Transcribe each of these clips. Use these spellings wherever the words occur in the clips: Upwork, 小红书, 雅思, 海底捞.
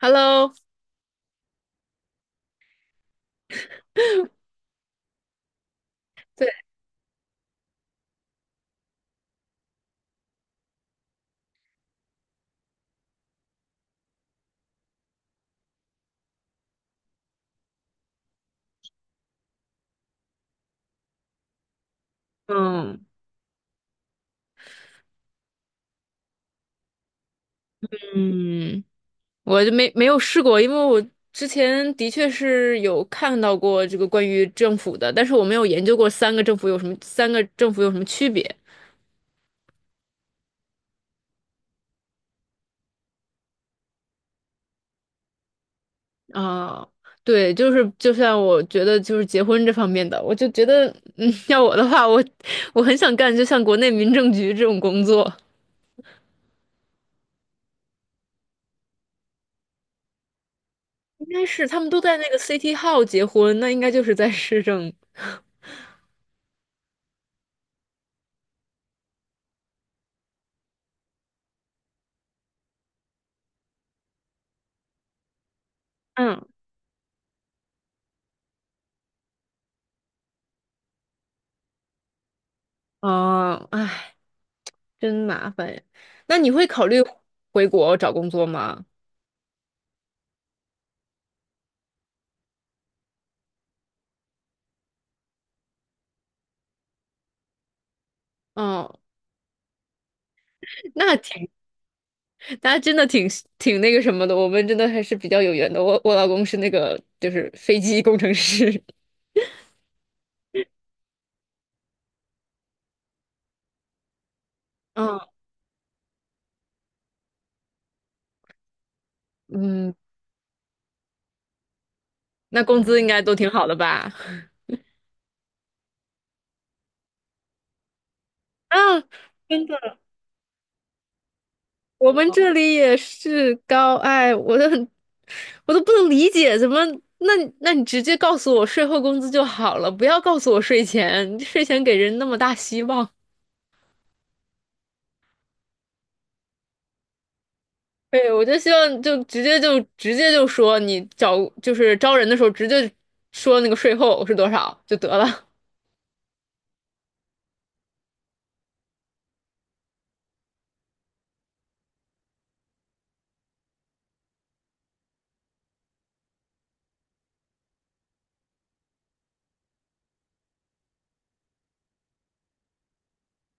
Hello，对，嗯嗯，我就没有试过，因为我之前的确是有看到过这个关于政府的，但是我没有研究过三个政府有什么，三个政府有什么区别啊？对，就是就像我觉得就是结婚这方面的，我就觉得，嗯，要我的话，我很想干，就像国内民政局这种工作，应该是他们都在那个 City Hall 结婚，那应该就是在市政。嗯，哦，唉，真麻烦呀。那你会考虑回国找工作吗？哦，那挺，那真的挺那个什么的。我们真的还是比较有缘的。我老公是那个就是飞机工程师。嗯嗯，那工资应该都挺好的吧？啊，真的，我们这里也是高，哎，我都很，我都不能理解，怎么？那那你直接告诉我税后工资就好了，不要告诉我税前，税前给人那么大希望。对，我就希望就直接就直接就说你找就是招人的时候直接说那个税后是多少就得了。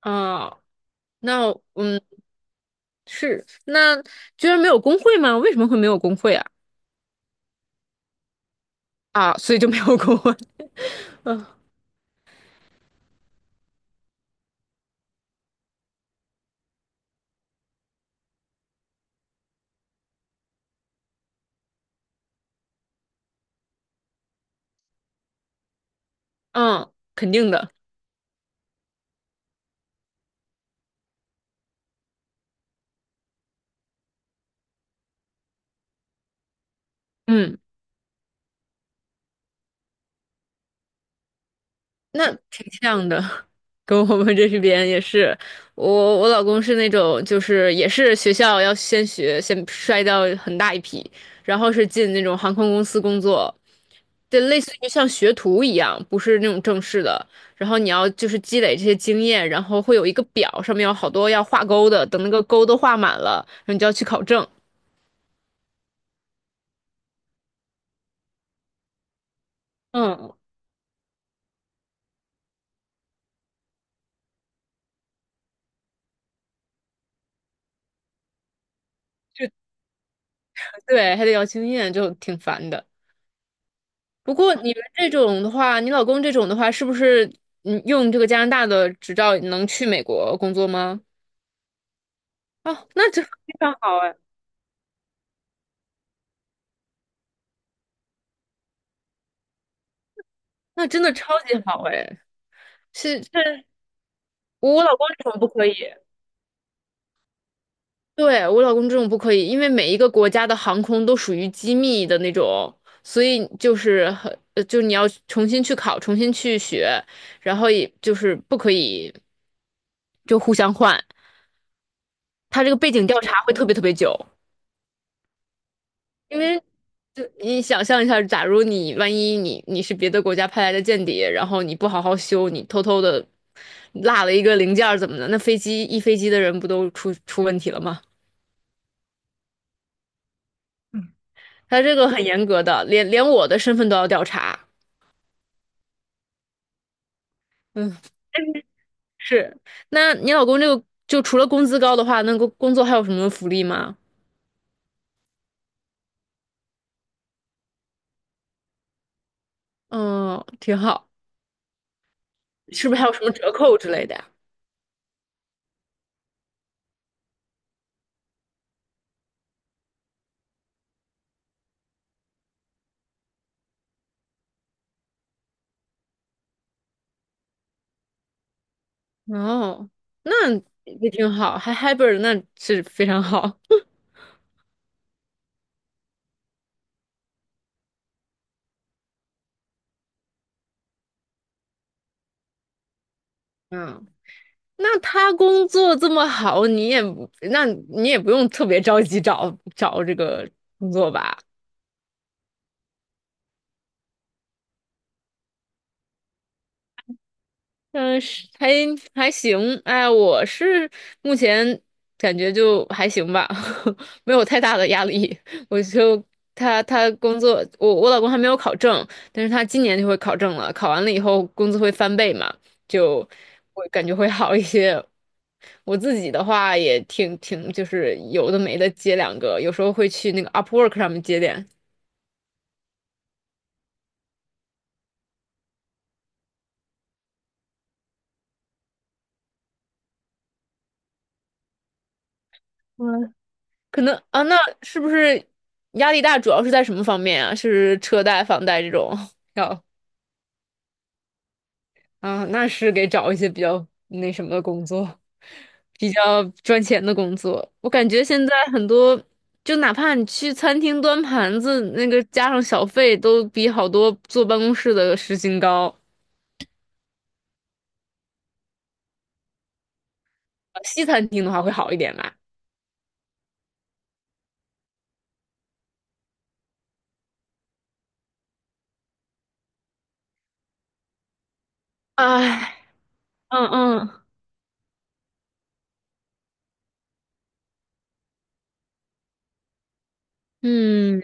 啊，那嗯是，那居然没有工会吗？为什么会没有工会啊？啊，所以就没有工会。嗯嗯，肯定的。嗯。那挺像的，跟我们这边也是。我老公是那种，就是也是学校要先学，先筛掉很大一批，然后是进那种航空公司工作，就类似于像学徒一样，不是那种正式的。然后你要就是积累这些经验，然后会有一个表，上面有好多要画勾的，等那个勾都画满了，然后你就要去考证。嗯，对，还得要经验，就挺烦的。不过你们这种的话，你老公这种的话，是不是用这个加拿大的执照能去美国工作吗？哦，那这非常好哎，那真的超级好哎。是是，我老公这种不可以。对，我老公这种不可以，因为每一个国家的航空都属于机密的那种，所以就是很，就你要重新去考，重新去学，然后也就是不可以就互相换，他这个背景调查会特别特别久。因为就你想象一下，假如你万一你是别的国家派来的间谍，然后你不好好修，你偷偷的落了一个零件儿怎么的？那飞机一飞机的人不都出问题了吗？他这个很严格的，连我的身份都要调查。嗯，是。那你老公这个就除了工资高的话，那个工作还有什么福利吗？嗯，挺好。是不是还有什么折扣之类的呀？哦，那也挺好，还 hybrid，那是非常好。嗯。那他工作这么好，你也不那你也不用特别着急找找这个工作吧？嗯，是还还行，哎，我是目前感觉就还行吧，没有太大的压力。我就他工作，我老公还没有考证，但是他今年就会考证了，考完了以后工资会翻倍嘛，就我感觉会好一些。我自己的话也挺挺，就是有的没的接两个，有时候会去那个 Upwork 上面接点。可能啊，那是不是压力大主要是在什么方面啊？是车贷、房贷这种？要啊，那是给找一些比较那什么的工作，比较赚钱的工作。我感觉现在很多，就哪怕你去餐厅端盘子，那个加上小费，都比好多坐办公室的时薪高。西餐厅的话会好一点吧？唉，嗯嗯。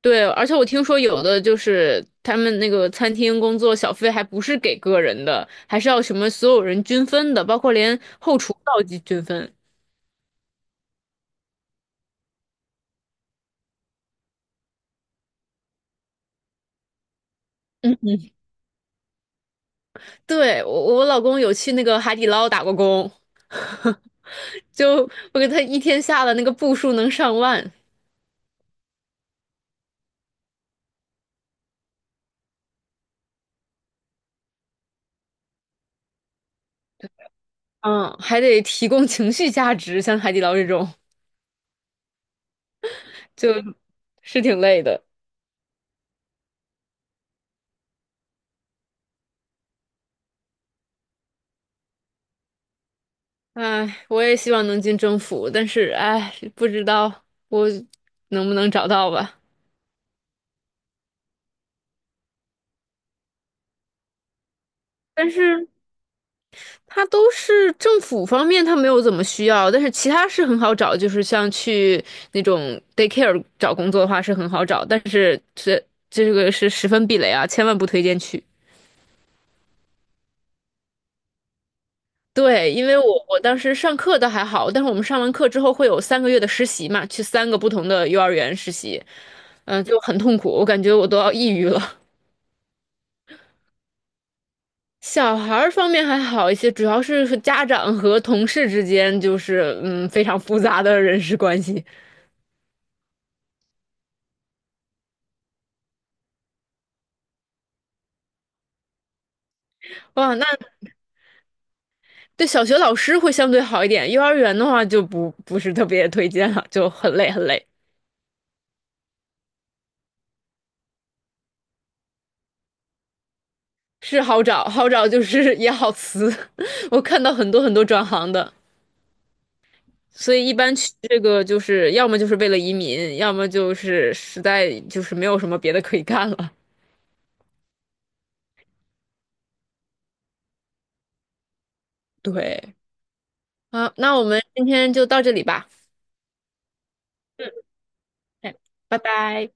对，而且我听说有的就是他们那个餐厅工作小费还不是给个人的，还是要什么所有人均分的，包括连后厨都要均分。嗯，对，我老公有去那个海底捞打过工，就我给他一天下的那个步数能上万，嗯，还得提供情绪价值，像海底捞这种就是挺累的。唉，我也希望能进政府，但是唉，不知道我能不能找到吧。但是他都是政府方面，他没有怎么需要，但是其他是很好找，就是像去那种 daycare 找工作的话是很好找，但是这个是十分避雷啊，千万不推荐去。对，因为我当时上课倒还好，但是我们上完课之后会有三个月的实习嘛，去三个不同的幼儿园实习，就很痛苦，我感觉我都要抑郁了。小孩儿方面还好一些，主要是和家长和同事之间就是非常复杂的人事关系。哇，那对，小学老师会相对好一点，幼儿园的话就不是特别推荐了，就很累很累。是好找，好找就是 也好辞。我看到很多很多转行的，所以一般去这个就是要么就是为了移民，要么就是实在就是没有什么别的可以干了。对，好，那我们今天就到这里吧。哎，拜拜。